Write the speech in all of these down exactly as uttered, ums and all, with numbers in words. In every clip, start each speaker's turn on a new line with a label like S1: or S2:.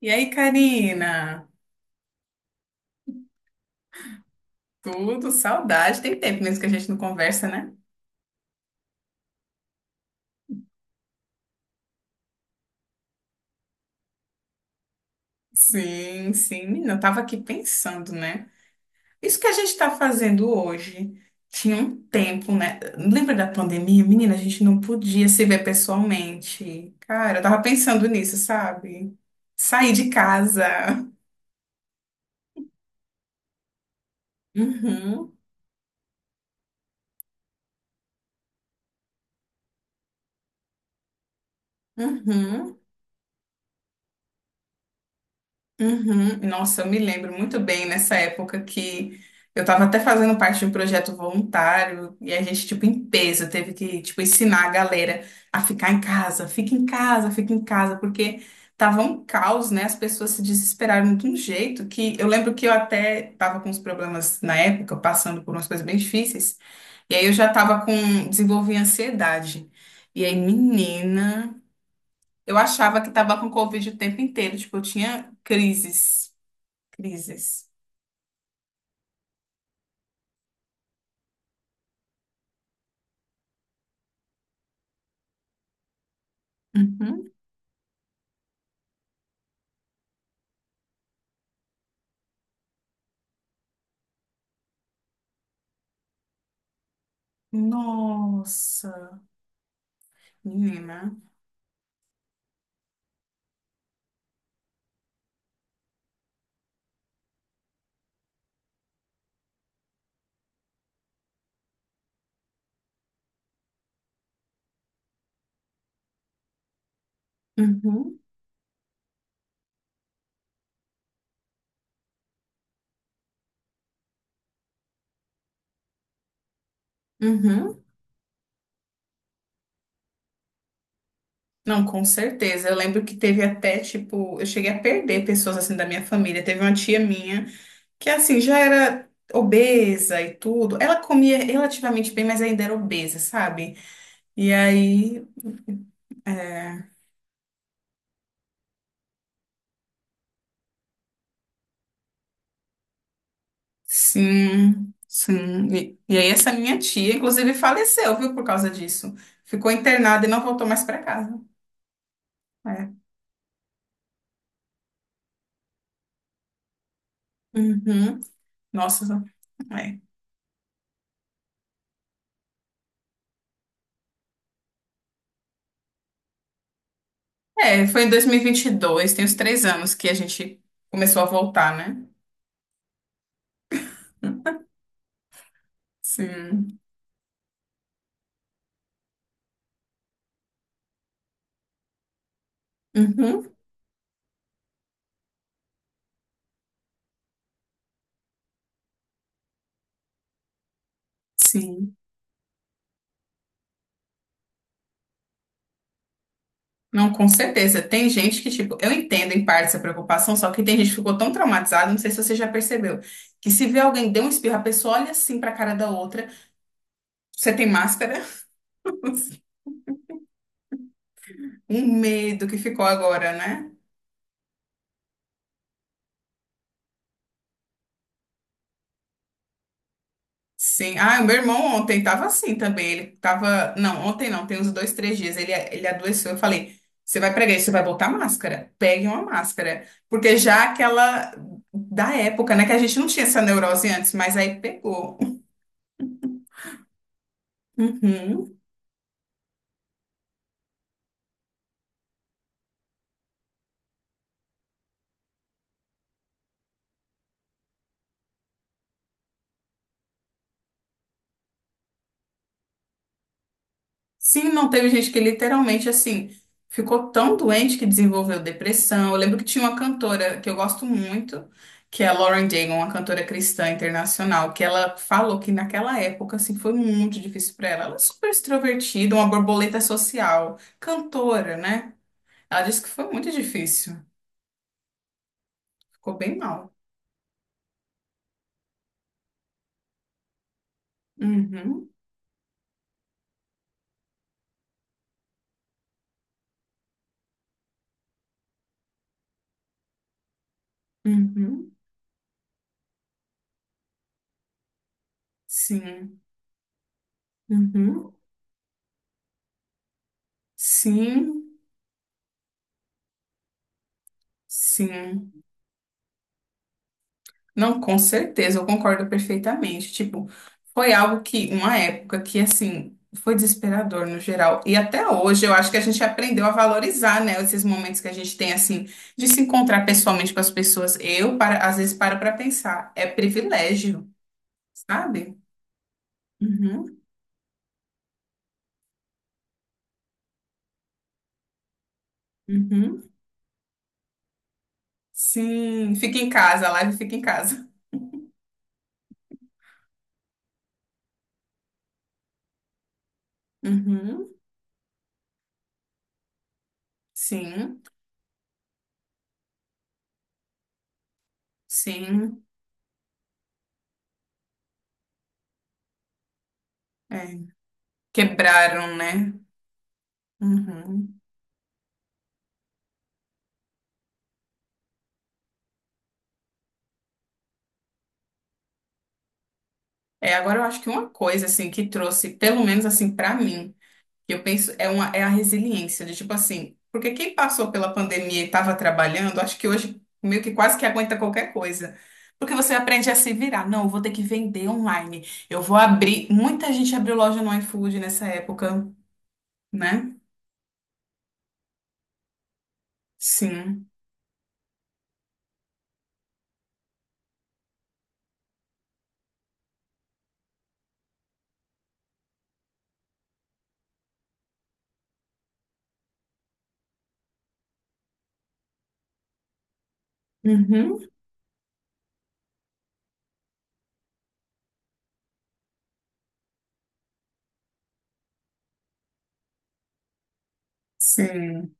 S1: E aí, Karina? Tudo, saudade. Tem tempo mesmo que a gente não conversa, né? Sim, sim. Menina, eu tava aqui pensando, né? Isso que a gente tá fazendo hoje tinha um tempo, né? Lembra da pandemia? Menina, a gente não podia se ver pessoalmente. Cara, eu tava pensando nisso, sabe? Sair de casa. Uhum, uhum. Uhum. Nossa, eu me lembro muito bem nessa época que eu estava até fazendo parte de um projeto voluntário e a gente, tipo, em peso, teve que, tipo, ensinar a galera a ficar em casa, fica em casa, fica em casa, porque tava um caos, né? As pessoas se desesperaram de um jeito que eu lembro que eu até estava com uns problemas na época, passando por umas coisas bem difíceis, e aí eu já estava com, desenvolvi ansiedade. E aí, menina, eu achava que estava com Covid o tempo inteiro, tipo, eu tinha crises. Crises. Uhum. Nossa, menina. Uhum. Uhum. Não, com certeza. Eu lembro que teve até, tipo, eu cheguei a perder pessoas assim da minha família. Teve uma tia minha que, assim, já era obesa e tudo. Ela comia relativamente bem, mas ainda era obesa, sabe? E aí, é, sim, sim. E, e aí, essa minha tia, inclusive, faleceu, viu, por causa disso. Ficou internada e não voltou mais pra casa. É. Uhum. Nossa, é. É, foi em dois mil e e vinte e dois. Tem uns três anos que a gente começou a voltar, né? Sim. Uhum, sim. Não, com certeza. Tem gente que, tipo, eu entendo em parte essa preocupação, só que tem gente que ficou tão traumatizada, não sei se você já percebeu, que se vê alguém deu um espirro, a pessoa olha assim pra cara da outra, você tem máscara? Um medo que ficou agora, né? Sim. Ah, o meu irmão ontem tava assim também. Ele tava. Não, ontem não, tem uns dois, três dias. Ele, ele adoeceu. Eu falei: você vai pregar isso, você vai botar máscara. Pegue uma máscara. Porque já aquela da época, né? Que a gente não tinha essa neurose antes, mas aí pegou. Uhum. Sim, não teve gente que literalmente assim ficou tão doente que desenvolveu depressão. Eu lembro que tinha uma cantora que eu gosto muito, que é a Lauren Daigle, uma cantora cristã internacional, que ela falou que naquela época assim foi muito difícil para ela. Ela é super extrovertida, uma borboleta social, cantora, né? Ela disse que foi muito difícil, ficou bem mal. Uhum, uhum, sim, uhum, sim, sim. Não, com certeza, eu concordo perfeitamente. Tipo, foi algo que, uma época que, assim, foi desesperador no geral. E até hoje eu acho que a gente aprendeu a valorizar, né, esses momentos que a gente tem, assim, de se encontrar pessoalmente com as pessoas. Eu, para, às vezes, paro para pensar, é privilégio, sabe? Uhum, uhum. Sim, fica em casa, a live fica em casa. Uhum, sim, sim. É. Quebraram, né? Uhum. É, agora eu acho que uma coisa assim que trouxe, pelo menos assim pra mim, que eu penso é uma é a resiliência de tipo assim, porque quem passou pela pandemia e estava trabalhando, acho que hoje meio que quase que aguenta qualquer coisa. Porque você aprende a se virar. Não, eu vou ter que vender online. Eu vou abrir. Muita gente abriu loja no iFood nessa época, né? Sim. Uhum. Sim.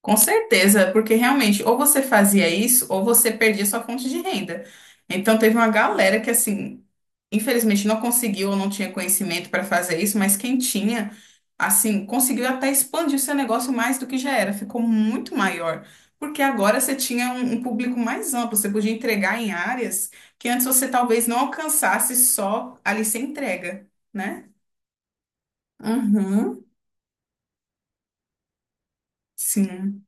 S1: Com certeza, porque realmente ou você fazia isso ou você perdia sua fonte de renda. Então teve uma galera que assim, infelizmente não conseguiu ou não tinha conhecimento para fazer isso, mas quem tinha, assim, conseguiu até expandir o seu negócio mais do que já era, ficou muito maior. Porque agora você tinha um, um público mais amplo, você podia entregar em áreas que antes você talvez não alcançasse só ali sem entrega, né? Uhum. Sim.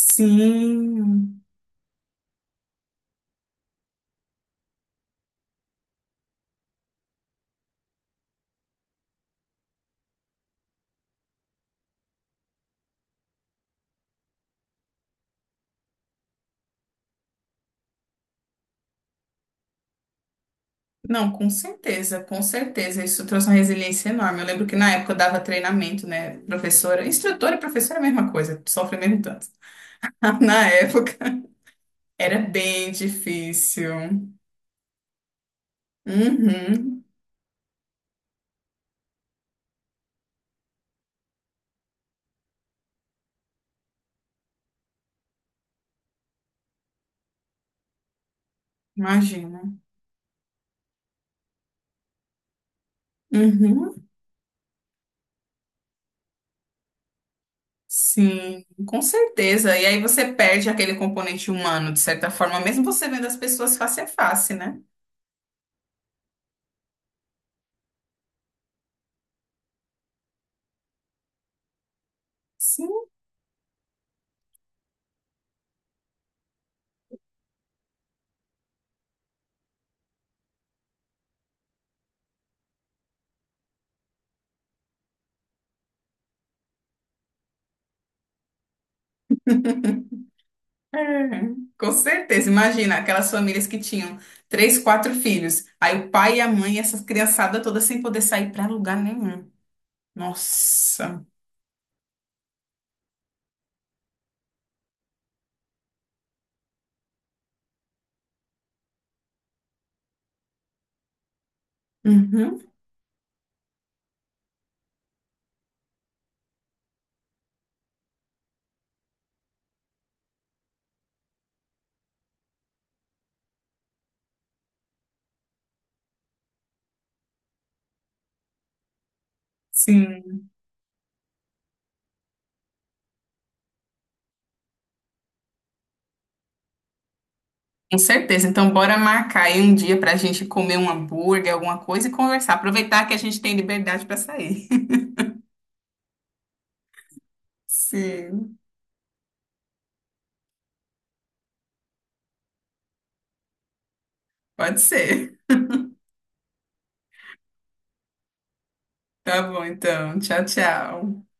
S1: Sim. Não, com certeza, com certeza. Isso trouxe uma resiliência enorme. Eu lembro que na época eu dava treinamento, né? Professora, instrutora e professora é a mesma coisa, sofre o mesmo tanto. Na época era bem difícil. Uhum, imagina. Uhum, sim, com certeza. E aí você perde aquele componente humano, de certa forma, mesmo você vendo as pessoas face a face, né? Sim. É, com certeza, imagina aquelas famílias que tinham três, quatro filhos, aí o pai e a mãe, essas criançadas todas sem poder sair para lugar nenhum. Nossa, uhum. Sim, com certeza. Então, bora marcar aí um dia para a gente comer um hambúrguer, alguma coisa e conversar. Aproveitar que a gente tem liberdade para sair. Sim, pode ser. Tá bom, então. Tchau, tchau.